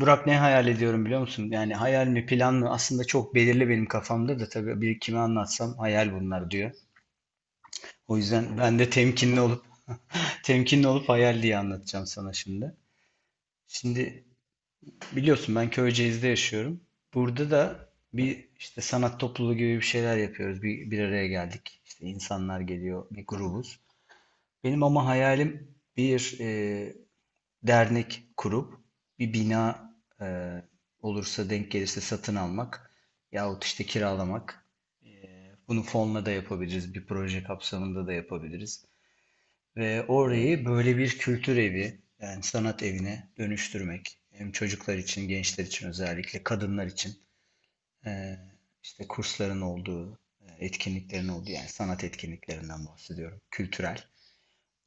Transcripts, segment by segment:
Burak ne hayal ediyorum biliyor musun? Yani hayal mi plan mı aslında çok belirli benim kafamda da tabii bir kime anlatsam hayal bunlar diyor. O yüzden ben de temkinli olup temkinli olup hayal diye anlatacağım sana şimdi. Şimdi biliyorsun ben Köyceğiz'de yaşıyorum. Burada da bir işte sanat topluluğu gibi bir şeyler yapıyoruz. Bir araya geldik. İşte insanlar geliyor, bir grubuz. Benim ama hayalim bir dernek kurup bir bina e, olursa denk gelirse satın almak yahut işte kiralamak. Bunu fonla da yapabiliriz, bir proje kapsamında da yapabiliriz. Ve orayı böyle bir kültür evi, yani sanat evine dönüştürmek. Hem çocuklar için, gençler için özellikle, kadınlar için e, işte kursların olduğu, etkinliklerin olduğu yani sanat etkinliklerinden bahsediyorum, kültürel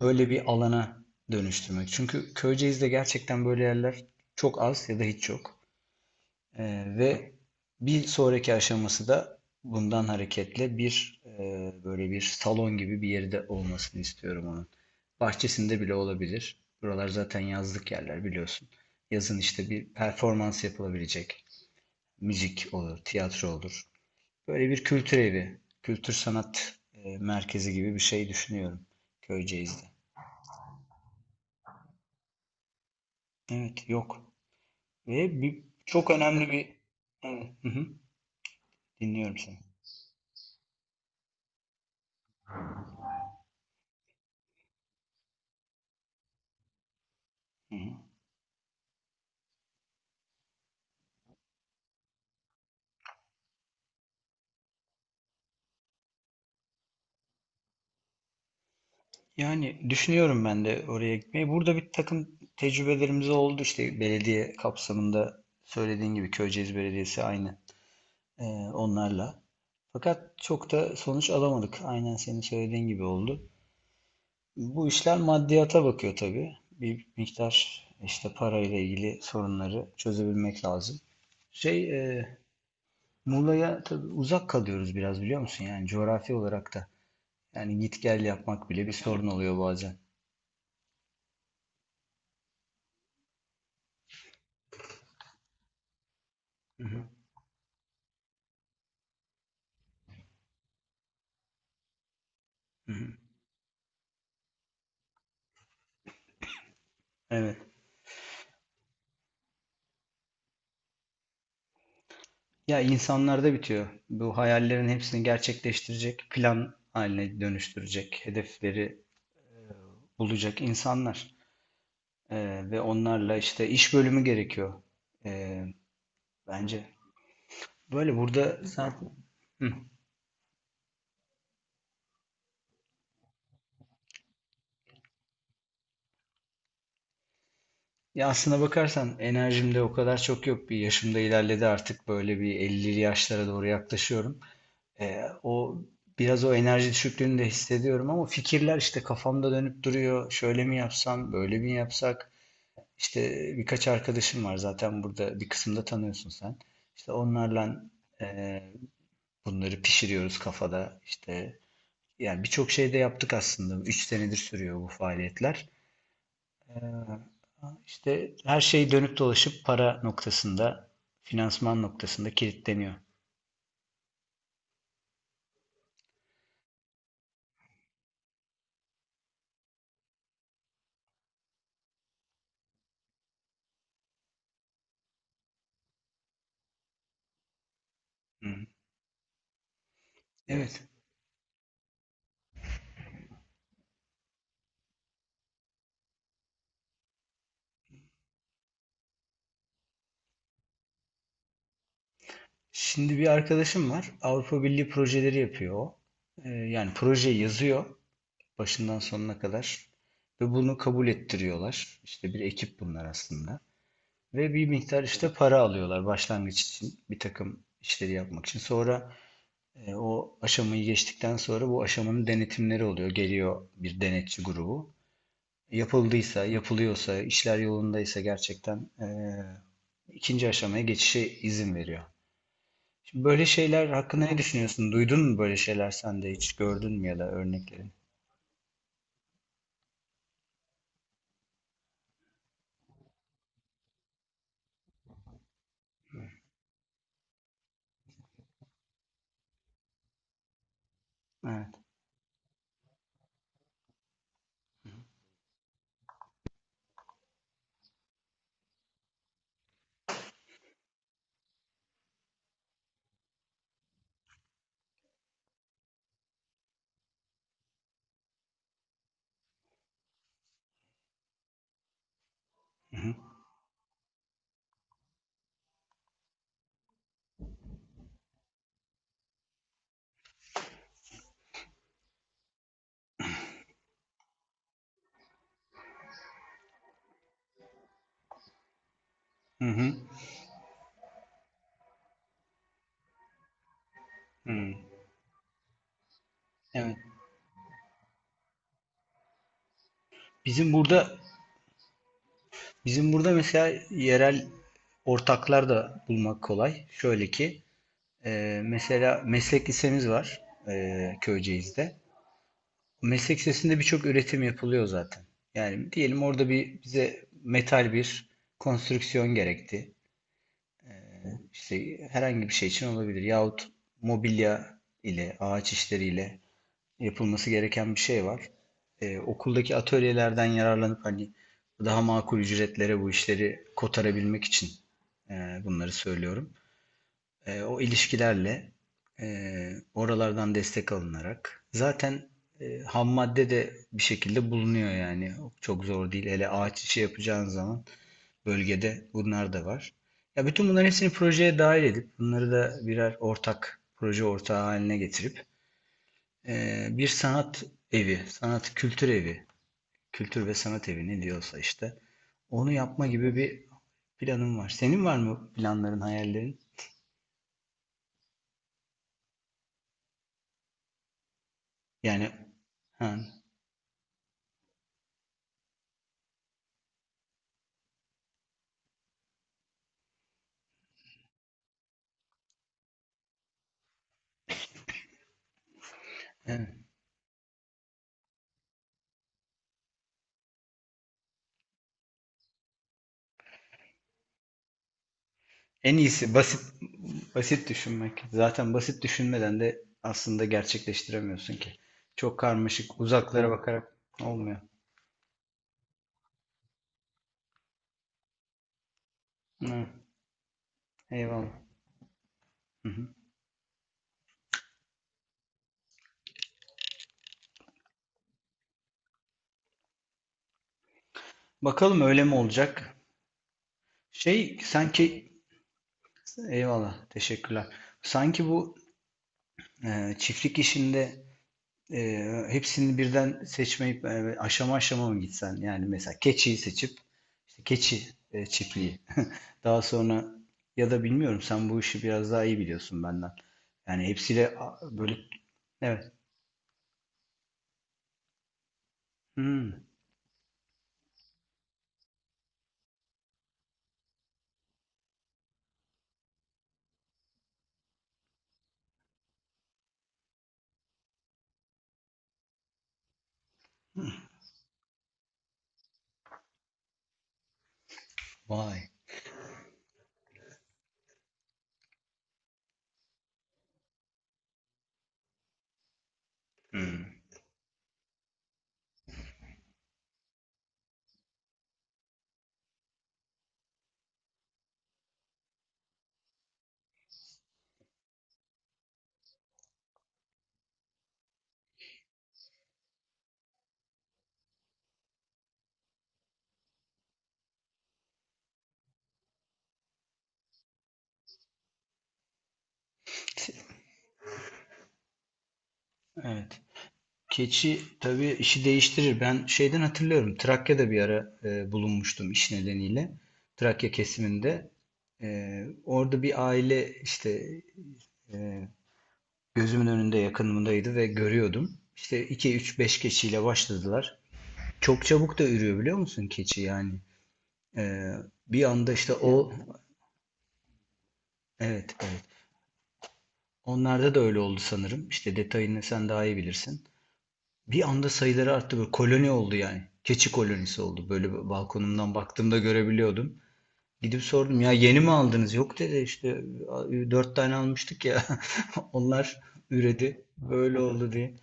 öyle bir alana dönüştürmek. Çünkü Köyceğiz'de gerçekten böyle yerler çok az ya da hiç yok. Ve bir sonraki aşaması da bundan hareketle bir böyle bir salon gibi bir yerde olmasını istiyorum onun. Bahçesinde bile olabilir. Buralar zaten yazlık yerler biliyorsun. Yazın işte bir performans yapılabilecek. Müzik olur, tiyatro olur. Böyle bir kültür evi, kültür sanat merkezi gibi bir şey düşünüyorum Köyceğiz'de. Evet, yok. Ve çok önemli bir... Evet, hı hı, dinliyorum seni. Hı hı. Yani düşünüyorum ben de oraya gitmeyi. Burada bir takım tecrübelerimiz oldu işte belediye kapsamında söylediğin gibi Köyceğiz Belediyesi aynı e, onlarla. Fakat çok da sonuç alamadık. Aynen senin söylediğin gibi oldu. Bu işler maddiyata bakıyor tabii. Bir miktar işte parayla ilgili sorunları çözebilmek lazım. Şey, e, Muğla'ya tabii uzak kalıyoruz biraz biliyor musun? Yani coğrafi olarak da. Yani git gel yapmak bile bir sorun oluyor bazen. Evet. Ya insanlarda bitiyor. Bu hayallerin hepsini gerçekleştirecek, plan haline dönüştürecek, hedefleri bulacak insanlar. Ve onlarla işte iş bölümü gerekiyor. Ee, bence. Böyle burada sen... Hı. Ya aslına bakarsan enerjim de o kadar çok yok. Bir yaşım da ilerledi artık. Böyle bir 50'li yaşlara doğru yaklaşıyorum. O biraz o enerji düşüklüğünü de hissediyorum ama fikirler işte kafamda dönüp duruyor. Şöyle mi yapsam, böyle mi yapsak? İşte birkaç arkadaşım var zaten burada bir kısımda tanıyorsun sen. İşte onlarla e, bunları pişiriyoruz kafada. İşte yani birçok şey de yaptık aslında. 3 senedir sürüyor bu faaliyetler. Ee, işte her şey dönüp dolaşıp para noktasında, finansman noktasında kilitleniyor. Hı. Evet. Evet. Şimdi bir arkadaşım var. Avrupa Birliği projeleri yapıyor o. Yani projeyi yazıyor başından sonuna kadar ve bunu kabul ettiriyorlar. İşte bir ekip bunlar aslında. Ve bir miktar işte para alıyorlar başlangıç için bir takım işleri yapmak için. Sonra o aşamayı geçtikten sonra bu aşamanın denetimleri oluyor. Geliyor bir denetçi grubu. Yapıldıysa, yapılıyorsa, işler yolundaysa gerçekten ikinci aşamaya geçişe izin veriyor. Şimdi böyle şeyler hakkında ne düşünüyorsun? Duydun mu böyle şeyler sen de hiç gördün mü ya da örneklerini? Evet. Hı hı. Hı hı. Hı. Evet. Bizim burada bizim burada mesela yerel ortaklar da bulmak kolay. Şöyle ki mesela meslek lisemiz var Köyceğiz'de. Meslek lisesinde birçok üretim yapılıyor zaten. Yani diyelim orada bir bize metal bir konstrüksiyon gerekti. İşte herhangi bir şey için olabilir. Yahut mobilya ile, ağaç işleriyle yapılması gereken bir şey var. Okuldaki atölyelerden yararlanıp hani daha makul ücretlere bu işleri kotarabilmek için bunları söylüyorum. O ilişkilerle e, oralardan destek alınarak zaten ham madde de bir şekilde bulunuyor yani. Çok zor değil. Hele ağaç işi yapacağın zaman bölgede bunlar da var. Ya bütün bunların hepsini projeye dahil edip bunları da birer ortak proje ortağı haline getirip bir sanat evi, sanat kültür evi, kültür ve sanat evi ne diyorsa işte onu yapma gibi bir planım var. Senin var mı planların, hayallerin? Yani ha, evet. En iyisi basit basit düşünmek. Zaten basit düşünmeden de aslında gerçekleştiremiyorsun ki. Çok karmaşık, uzaklara bakarak olmuyor. Evet, eyvallah. Hı. Bakalım öyle mi olacak? Şey sanki eyvallah teşekkürler. Sanki bu çiftlik işinde e, hepsini birden seçmeyip aşama aşama mı gitsen? Yani mesela keçiyi seçip işte keçi çiftliği. Daha sonra ya da bilmiyorum sen bu işi biraz daha iyi biliyorsun benden. Yani hepsiyle böyle evet. Hmm. Vay. Hmm. Evet. Keçi tabii işi değiştirir. Ben şeyden hatırlıyorum. Trakya'da bir ara bulunmuştum iş nedeniyle. Trakya kesiminde. Orada bir aile işte e, gözümün önünde yakınımdaydı ve görüyordum. İşte 2 3 5 keçiyle başladılar. Çok çabuk da ürüyor biliyor musun keçi yani. E, bir anda işte o evet evet. Onlarda da öyle oldu sanırım. İşte detayını sen daha iyi bilirsin. Bir anda sayıları arttı böyle koloni oldu yani. Keçi kolonisi oldu. Böyle balkonumdan baktığımda görebiliyordum. Gidip sordum ya yeni mi aldınız? Yok dedi işte dört tane almıştık ya. Onlar üredi. Böyle oldu diye.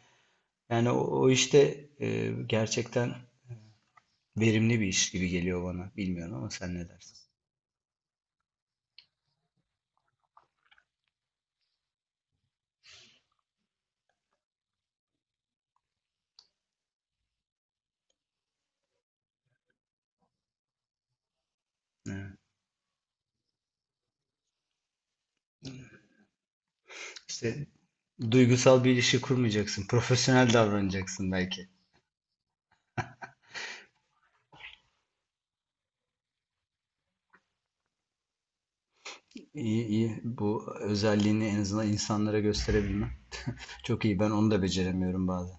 Yani o işte gerçekten verimli bir iş gibi geliyor bana. Bilmiyorum ama sen ne dersin? Evet. İşte duygusal bir ilişki kurmayacaksın. Profesyonel davranacaksın belki. İyi iyi. Bu özelliğini en azından insanlara gösterebilmem. Çok iyi. Ben onu da beceremiyorum bazen.